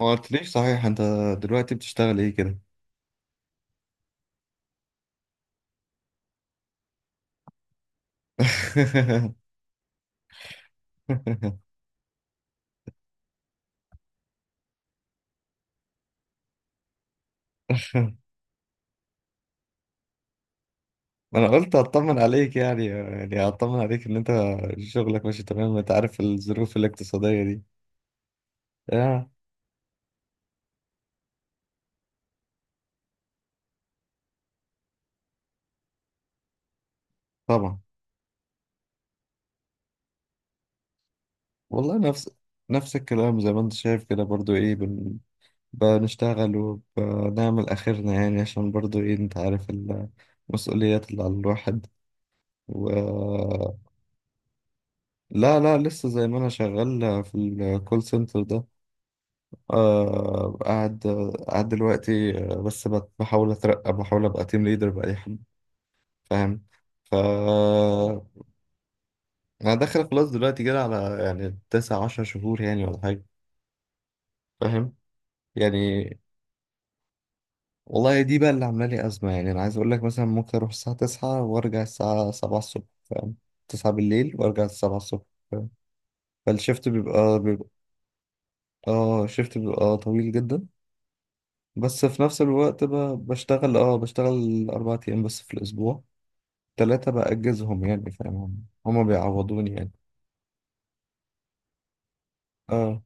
ما قلتليش صحيح انت؟ دلوقتي بتشتغل ايه كده؟ انا قلت اطمن عليك، يعني اطمن عليك ان انت شغلك ماشي تمام. انت عارف الظروف الاقتصادية دي. اه طبعا. والله نفس الكلام زي ما انت شايف كده، برضو ايه بنشتغل وبنعمل اخرنا، يعني عشان برضو ايه انت عارف المسؤوليات اللي على الواحد. و لا لا، لسه زي ما انا شغال في الكول سنتر ده. آه، قاعد دلوقتي، بس بحاول اترقى، بحاول ابقى تيم ليدر بأي حد، فاهم؟ ف انا داخل خلاص دلوقتي كده على يعني 19 شهور، يعني ولا حاجة، فاهم يعني. والله دي بقى اللي عاملة لي أزمة. يعني أنا عايز أقول لك مثلا ممكن أروح الساعة 9 وأرجع الساعة 7 الصبح، فاهم؟ 9 بالليل وأرجع الـ7 الصبح، فاهم؟ فالشيفت بيبقى اه، الشيفت بيبقى طويل جدا. بس في نفس الوقت بشتغل، اه بشتغل 4 أيام بس في الأسبوع. 3 بأجزهم يعني، فاهم؟ هما بيعوضوني يعني. اه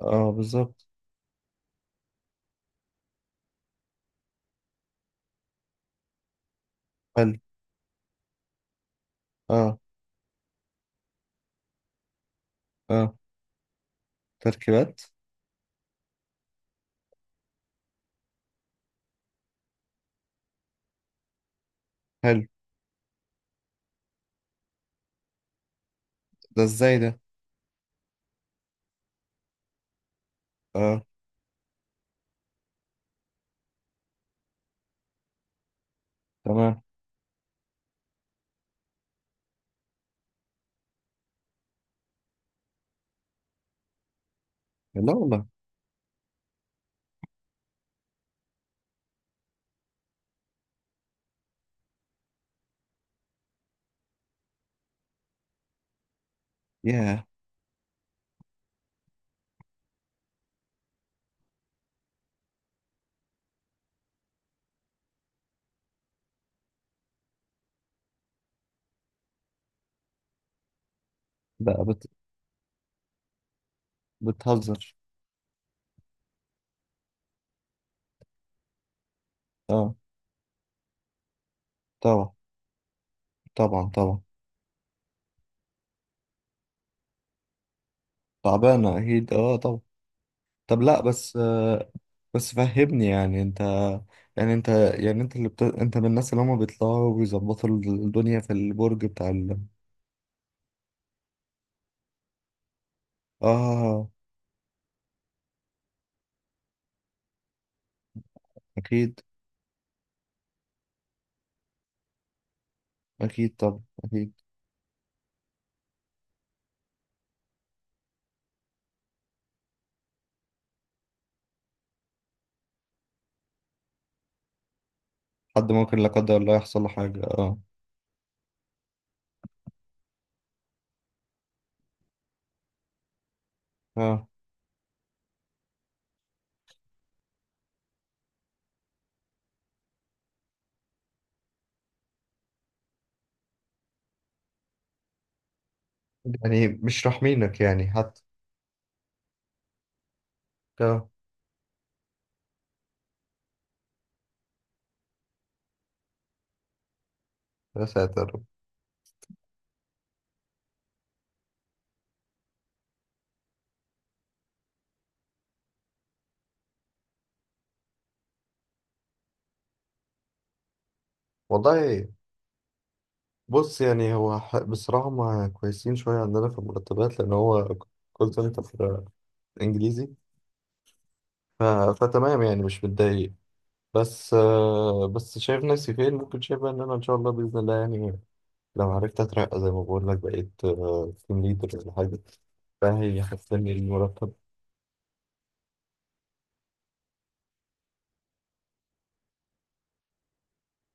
اه بالظبط. حلو. اه اه تركيبات. حلو. ده ازاي ده؟ اه. تمام. لا والله. ياه. ده بت... بتهزر. اه طبعا. طبعا طبعا. تعبانة أكيد، اه طبعا. طب لا بس آه، بس فهمني يعني. انت يعني انت، يعني انت اللي انت من الناس اللي هما بيطلعوا وبيظبطوا الدنيا في البرج بتاع ال...؟ اه اكيد. اكيد طبعا اكيد. حد ممكن لا قدر الله يحصل له حاجة، اه. اه. يعني مش راحمينك يعني حتى. اه. يا ساتر. والله بص يعني هو بصراحة ما كويسين شوية عندنا في المرتبات، لأن هو كول سنتر إنجليزي. ف... فتمام يعني، مش متضايق. بس بس شايف نفسي فين. ممكن شايف بقى إن أنا إن شاء الله بإذن الله يعني، لو عرفت أترقى زي ما بقول لك بقيت تيم ليدر ولا حاجة، فهيحسن لي المرتب.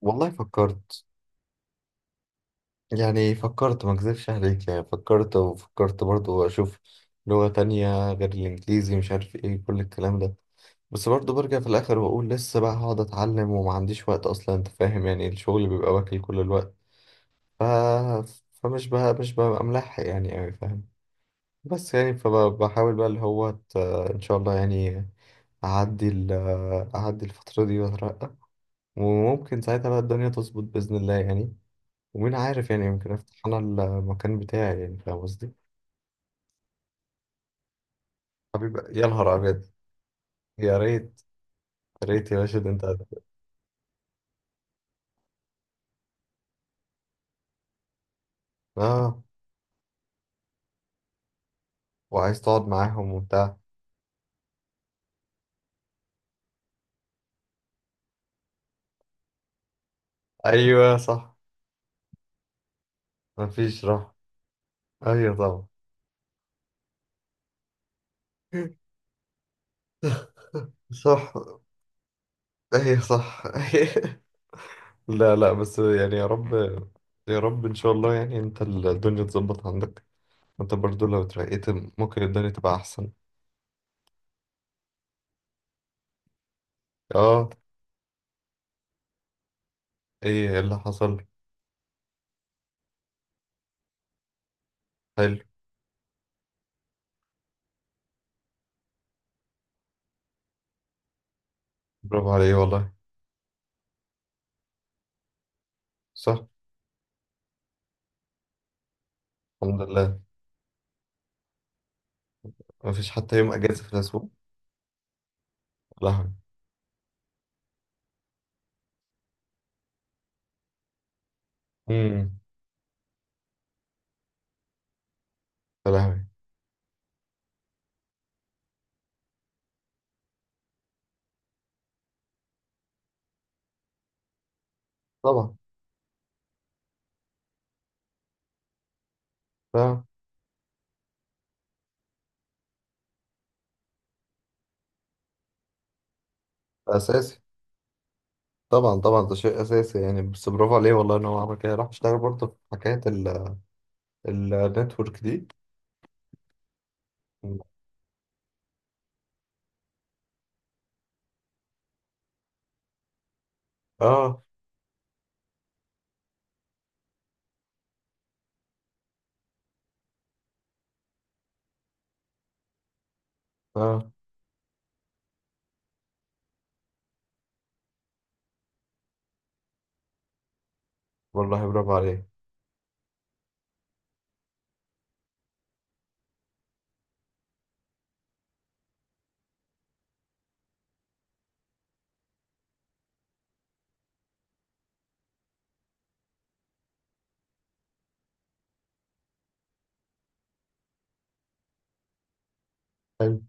والله فكرت. يعني فكرت، ما اكذبش عليك، يعني فكرت وفكرت برضو اشوف لغة تانية غير الانجليزي، مش عارف ايه كل الكلام ده. بس برضو برجع في الاخر واقول لسه بقى، هقعد اتعلم وما عنديش وقت اصلا. انت فاهم يعني، الشغل بيبقى واكل كل الوقت. ف... فمش بقى مش ببقى ملحق يعني اوي، فاهم؟ بس يعني فبحاول بقى اللي هو ان شاء الله يعني اعدي ال... اعدي الفترة دي واترقى، وممكن ساعتها بقى الدنيا تظبط بإذن الله يعني. ومين عارف يعني، يمكن افتح انا المكان بتاعي يعني، فاهم قصدي؟ حبيبي يا نهار ابيض. يا ريت يا ريت يا باشا. ده انت اه. وعايز تقعد معاهم وبتاع. ايوه صح. مفيش راحه. ايوه طبعا. صح. ايوه صح. لا لا، بس يعني يا رب. يا رب ان شاء الله يعني انت الدنيا تظبط عندك. انت برضو لو اترقيت ممكن الدنيا تبقى احسن. اه. ايه اللي حصل؟ حلو. برافو عليه والله. صح. الحمد لله، ما فيش حتى يوم اجازه في الاسبوع. يا لهوي. امم. يا لهوي. طبعا طبعا. اساسي. طبعا طبعا، ده شيء اساسي يعني. بس برافو عليه والله ان هو عمل كده، راح اشتغل برضه في حكايه النتورك دي. اه. اه والله برافو عليه. حلو.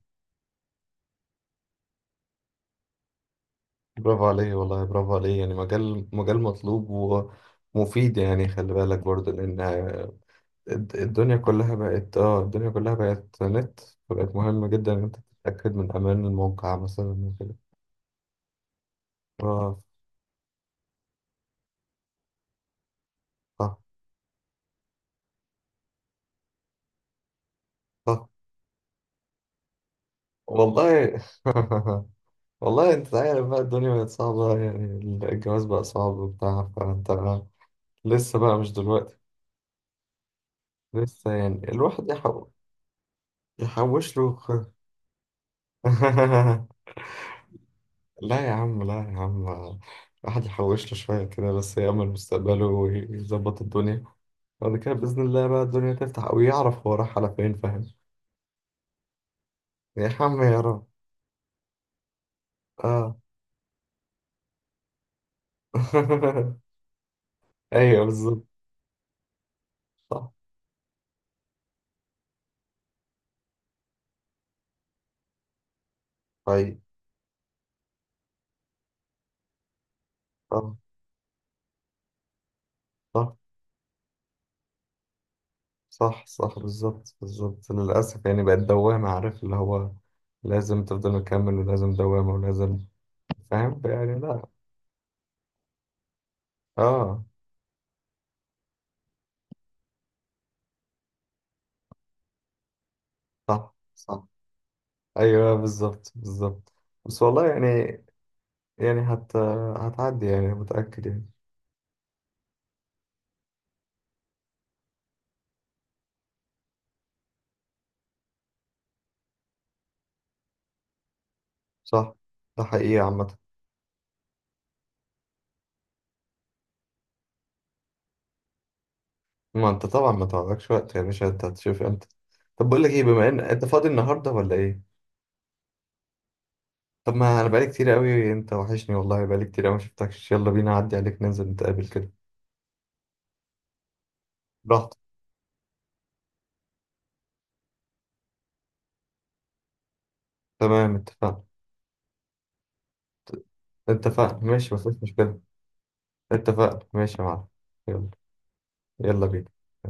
برافو عليه والله، برافو عليه. يعني مجال، مجال مطلوب ومفيد يعني. خلي بالك برضه، لان الدنيا كلها بقت اه، الدنيا كلها بقت نت. فبقت مهمة جدا ان انت تتأكد من امان الموقع مثلا وكده. اه. آه، والله. والله انت عارف بقى الدنيا بقت صعبة يعني. الجواز بقى صعب وبتاع، فانت لسه بقى، مش دلوقتي. لسه يعني الواحد يحوش له لا يا عم لا يا عم، الواحد يحوش له شوية كده، بس يأمل مستقبله ويظبط الدنيا، بعد كده بإذن الله بقى الدنيا تفتح ويعرف هو راح على فين، فاهم؟ يا عم يا رب. اه. ايوه بالظبط. صح. طيب. اه. صح صح. صح بالظبط بالظبط. للأسف يعني بقت دوامة، عارف اللي هو لازم تفضل مكمل، ولازم دوامة، ولازم، فاهم يعني؟ لا اه صح صح. أيوه بالظبط بالظبط. بس والله يعني، يعني هتعدي يعني، متأكد يعني. صح. ده حقيقة عامة. ما أنت طبعا ما تعرفش وقت يا باشا، أنت هتشوف أنت. طب بقول لك إيه، بما إن أنت فاضي النهاردة ولا إيه؟ طب ما أنا بقالي كتير قوي، أنت وحشني والله، بقالي كتير قوي ما شفتكش. يلا بينا أعدي عليك، ننزل نتقابل كده. براحتك. تمام، اتفقنا. اتفقنا ماشي، مفيش مشكلة. اتفقنا ماشي يا معلم. يلا. يلا بينا.